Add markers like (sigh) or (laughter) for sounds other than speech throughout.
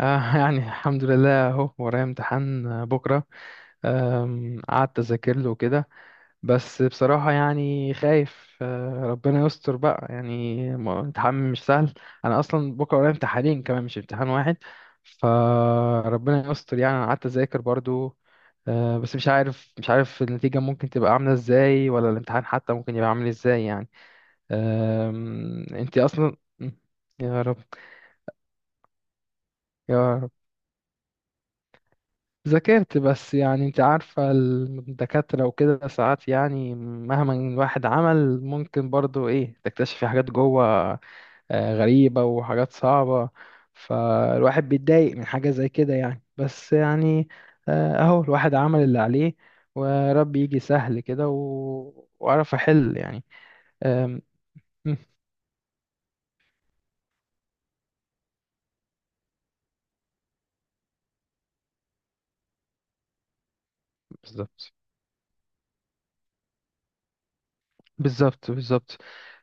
آه (laughs) يعني الحمد لله اهو ورايا امتحان، بكرة. قعدت اذاكر له كده. بس بصراحة يعني خايف، ربنا يستر بقى يعني امتحان مش سهل. انا اصلا بكرة ورايا امتحانين كمان، مش امتحان واحد. فربنا يستر يعني، انا قعدت اذاكر برضو. بس مش عارف النتيجة ممكن تبقى عاملة ازاي، ولا الامتحان حتى ممكن يبقى عامل ازاي يعني. انتي اصلا. يا رب. يا رب. ذاكرت بس يعني، انت عارفة الدكاترة وكده، ساعات يعني مهما الواحد عمل ممكن برضو ايه تكتشفي حاجات جوه، غريبة وحاجات صعبة. فالواحد بيتضايق من حاجة زي كده يعني، بس يعني اهو الواحد عمل اللي عليه. وربي يجي سهل كده وعرف احل يعني. آم، مم. بالظبط، بالظبط، بالظبط.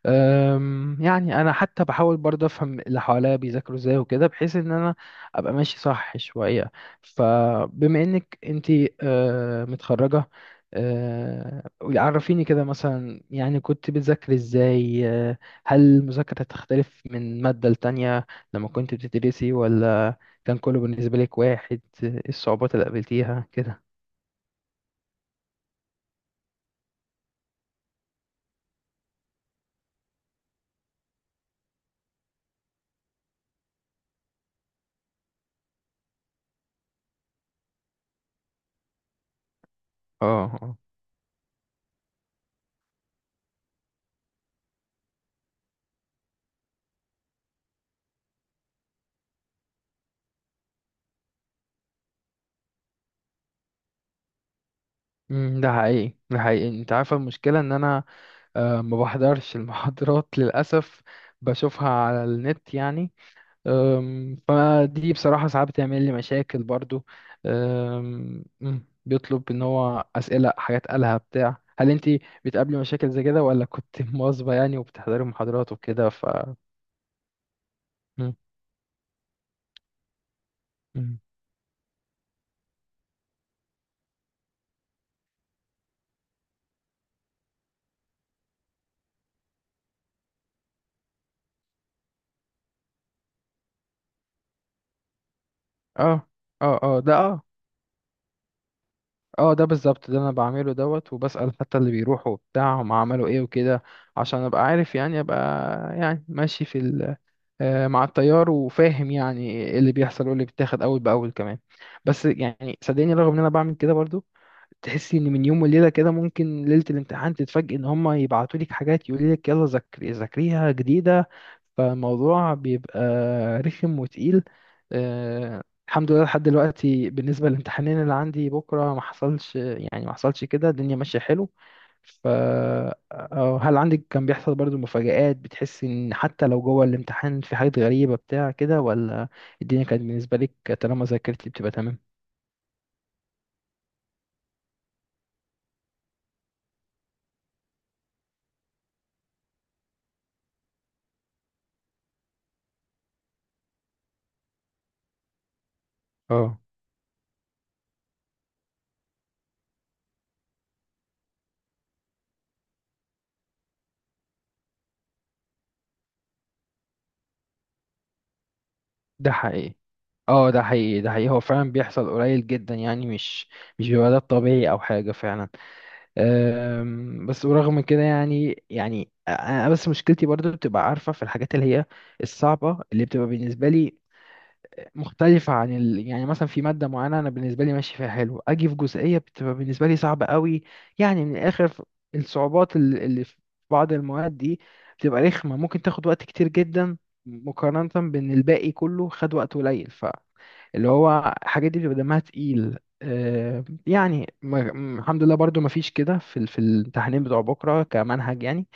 يعني انا حتى بحاول برضه افهم اللي حواليا بيذاكروا ازاي وكده، بحيث ان انا ابقى ماشي صح شويه. فبما انك انتي متخرجه، عرفيني كده مثلا يعني كنت بتذاكري ازاي. هل المذاكره تختلف من ماده لتانية لما كنت بتدرسي، ولا كان كله بالنسبه لك واحد؟ إيه الصعوبات اللي قابلتيها كده؟ اه، آه. ده حقيقي، ده حقيقي، انت عارفه المشكله ان انا ما بحضرش المحاضرات (laughs) للأسف. بشوفها على النت يعني. فدي بصراحة ساعات بتعمل لي مشاكل برضو. بيطلب ان هو أسئلة حاجات قالها بتاع، هل انتي بتقابلي مشاكل زي كده، ولا كنت (laughs) مواظبة يعني وبتحضري محاضرات وكده ف. مم، مم. اه، اه، اه ده اه. اه، ده بالظبط، ده انا بعمله دوت، وبسأل حتى اللي بيروحوا بتاع هم عملوا ايه وكده، عشان ابقى عارف يعني، يعني ماشي في، مع التيار وفاهم يعني ايه اللي بيحصل وايه اللي بيتاخد اول باول كمان. بس يعني صدقني، رغم ان انا بعمل كده برضو، تحسي ان من يوم وليله كده ممكن ليله الامتحان تتفاجئي ان هم يبعتوا لك حاجات يقولوا لك يلا ذاكري، ذاكريها جديده. فالموضوع بيبقى رخم وتقيل. آه، الحمد لله لحد دلوقتي بالنسبه للامتحانين اللي عندي بكره ما حصلش يعني، ما حصلش كده، الدنيا ماشيه حلو. ف، أو هل عندك كان بيحصل برضو مفاجآت بتحس ان حتى لو جوه الامتحان في حاجات غريبة بتاع كده، ولا الدنيا كانت بالنسبة لك طالما ذاكرتي بتبقى تمام؟ اه، ده حقيقي. اه، ده حقيقي، ده حقيقي، هو فعلا بيحصل قليل جدا يعني، مش بيبقى ده الطبيعي او حاجة فعلا. بس ورغم كده يعني انا بس مشكلتي برضو بتبقى عارفة في الحاجات اللي هي الصعبة اللي بتبقى بالنسبة لي، مختلفة عن يعني مثلا، في مادة معينة أنا بالنسبة لي ماشي فيها حلو، أجي في جزئية بتبقى بالنسبة لي صعبة قوي. يعني من الآخر الصعوبات اللي في بعض المواد دي بتبقى رخمة، ممكن تاخد وقت كتير جدا مقارنة بإن الباقي كله خد وقت قليل. اللي هو الحاجات دي بيبقى دمها تقيل. يعني الحمد لله برضو ما فيش كده في في الامتحانين بتوع بكرة كمنهج يعني.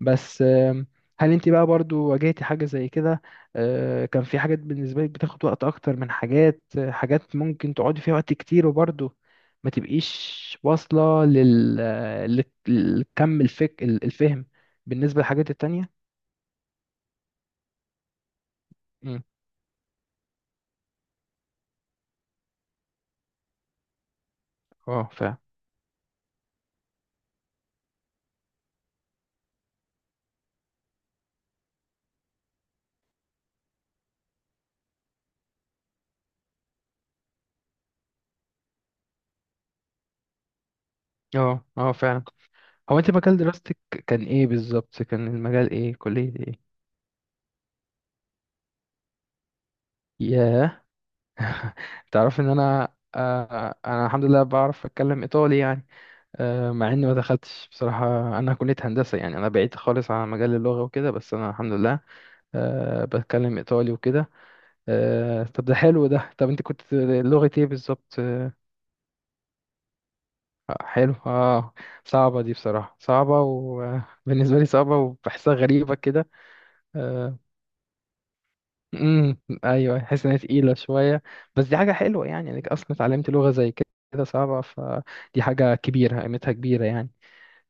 بس هل انت بقى برضو واجهتي حاجة زي كده؟ كان في حاجات بالنسبة لك بتاخد وقت اكتر من حاجات، حاجات ممكن تقعدي فيها وقت كتير وبرضو ما تبقيش واصلة الفهم بالنسبة للحاجات التانية؟ مم. اه، فعلا. اه، اه، فعلا. هو انت مجال دراستك كان ايه بالظبط؟ كان المجال ايه؟ كلية ايه؟ ياه. تعرف ان انا، الحمد لله بعرف اتكلم ايطالي يعني. مع اني ما دخلتش بصراحة. انا كلية هندسة يعني، انا بعيد خالص عن مجال اللغة وكده، بس انا الحمد لله بتكلم ايطالي وكده. طب ده حلو ده. طب انت كنت لغة ايه بالظبط؟ حلو، اه. صعبة دي بصراحة، صعبة وبالنسبة لي صعبة وبحسها غريبة كده. آه، امم ايوه، حاسس ان هي تقيله شويه. بس دي حاجه حلوه يعني انك اصلا اتعلمت لغه زي كده صعبه، فدي حاجه كبيره قيمتها كبيره يعني.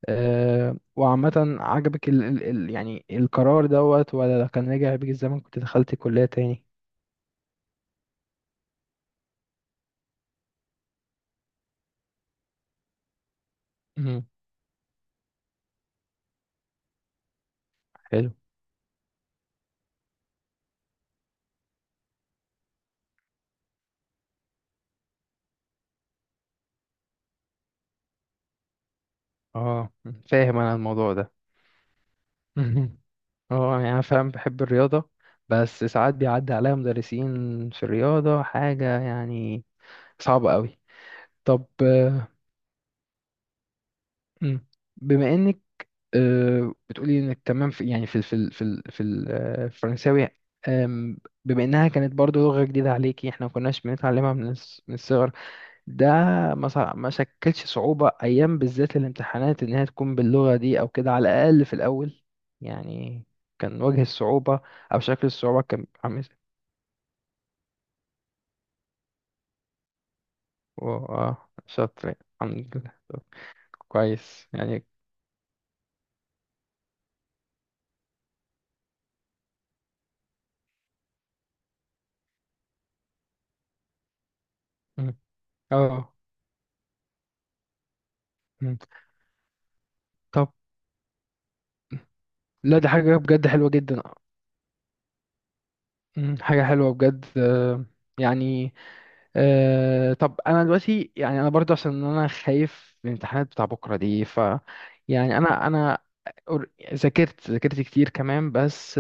وعامه، عجبك ال ال ال يعني القرار دوت، ولا لو كان رجع بيك الزمن كنت دخلت كليه تاني؟ امم حلو، اه. فاهم انا الموضوع ده. مهم. اه يعني انا فاهم، بحب الرياضه، بس ساعات بيعدي عليا مدرسين في الرياضه حاجه يعني صعبه قوي. طب. مم. بما انك بتقولي انك تمام في، يعني، الفرنساوي، آم، بما انها كانت برضو لغة جديدة عليكي احنا ما كناش بنتعلمها من من الصغر، ده ما شكلش صعوبة ايام بالذات الامتحانات انها تكون باللغة دي او كده، على الاقل في الاول يعني؟ كان وجه الصعوبة او شكل الصعوبة كان عامل ازاي؟ واو، اه، شاطر الحمد لله. طب كويس يعني. مم. اه. مم. طب، لا دي حاجة بجد حلوة جدا. مم، حاجة حلوة بجد. يعني طب أنا دلوقتي يعني، أنا برضو عشان أنا خايف من الامتحانات بتاع بكرة دي، ف يعني أنا ذاكرت كتير كمان. بس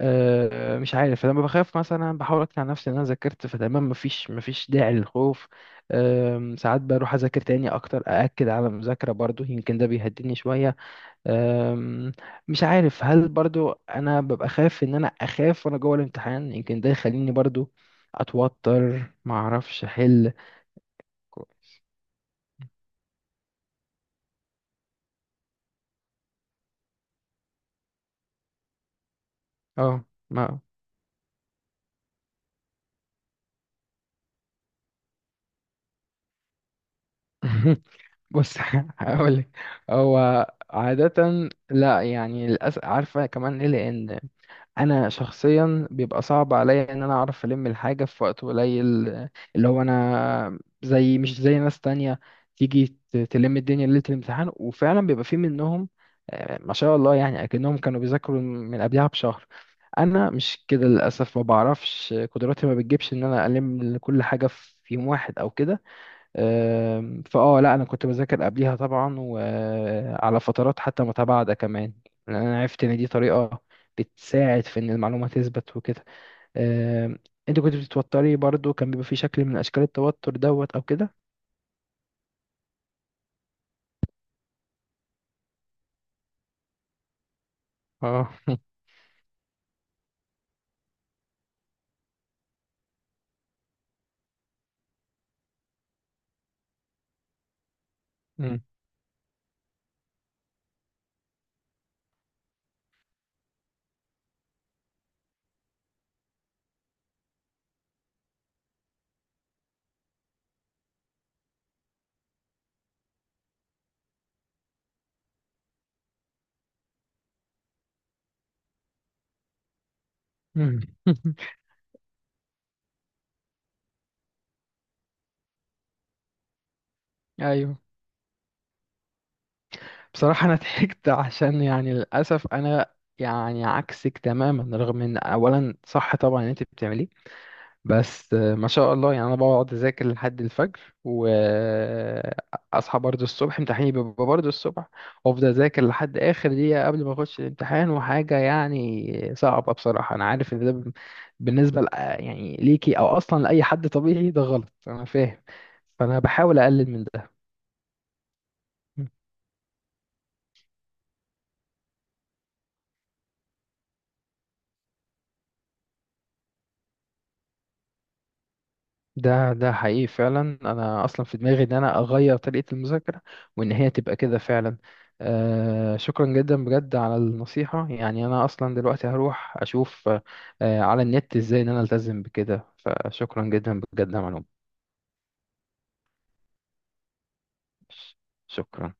مش عارف، لما بخاف مثلا بحاول أقنع نفسي إن أنا ذاكرت فتمام، مفيش داعي للخوف. ساعات بروح أذاكر تاني أكتر، أأكد على المذاكرة برضو، يمكن ده بيهديني شوية. أم، مش عارف هل برضو انا ببقى خايف ان انا اخاف وانا جوه الامتحان، يمكن ده يخليني برضو اتوتر ما اعرفش احل. كو- اه، ما (laughs) بص (laughs) هقولك. هو عادة لا يعني، للأسف عارفة كمان ليه، لأن انا شخصيا بيبقى صعب عليا ان انا اعرف الم الحاجه في وقت قليل. اللي هو انا، زي مش زي ناس تانية، تيجي تلم الدنيا ليله الامتحان وفعلا بيبقى في منهم ما شاء الله يعني، اكنهم كانوا بيذاكروا من قبلها بشهر. انا مش كده للاسف، ما بعرفش قدراتي ما بتجيبش ان انا الم كل حاجه في يوم واحد او كده. لا انا كنت بذاكر قبليها طبعا، وعلى فترات حتى متباعدة كمان، لان انا عرفت ان دي طريقة بتساعد في ان المعلومة تثبت وكده. آم، انت كنت بتتوتري برضو، كان بيبقى في شكل من اشكال التوتر دوت او كده؟ اه. مم. مم. (laughs) ايوه. بصراحة انا (laughs) ضحكت عشان، يعني للاسف انا يعني عكسك تماما، رغم ان اولا صح طبعا ان انت بتعمليه. بس ما شاء الله يعني، انا بقعد اذاكر لحد الفجر واصحى برضه الصبح، امتحاني بيبقى برضه الصبح، وافضل اذاكر لحد اخر دقيقه قبل ما اخش الامتحان، وحاجه يعني صعبه بصراحه، انا عارف ان ده بالنسبه يعني ليكي او اصلا لاي حد طبيعي، ده غلط، انا فاهم. فانا بحاول اقلل من ده. ده حقيقي فعلا، انا اصلا في دماغي ان انا اغير طريقة المذاكرة، وان هي تبقى كده فعلا. شكرا جدا بجد على النصيحة، يعني انا اصلا دلوقتي هروح اشوف على النت ازاي ان انا التزم بكده، فشكرا جدا بجد يا معلوم. شكرا.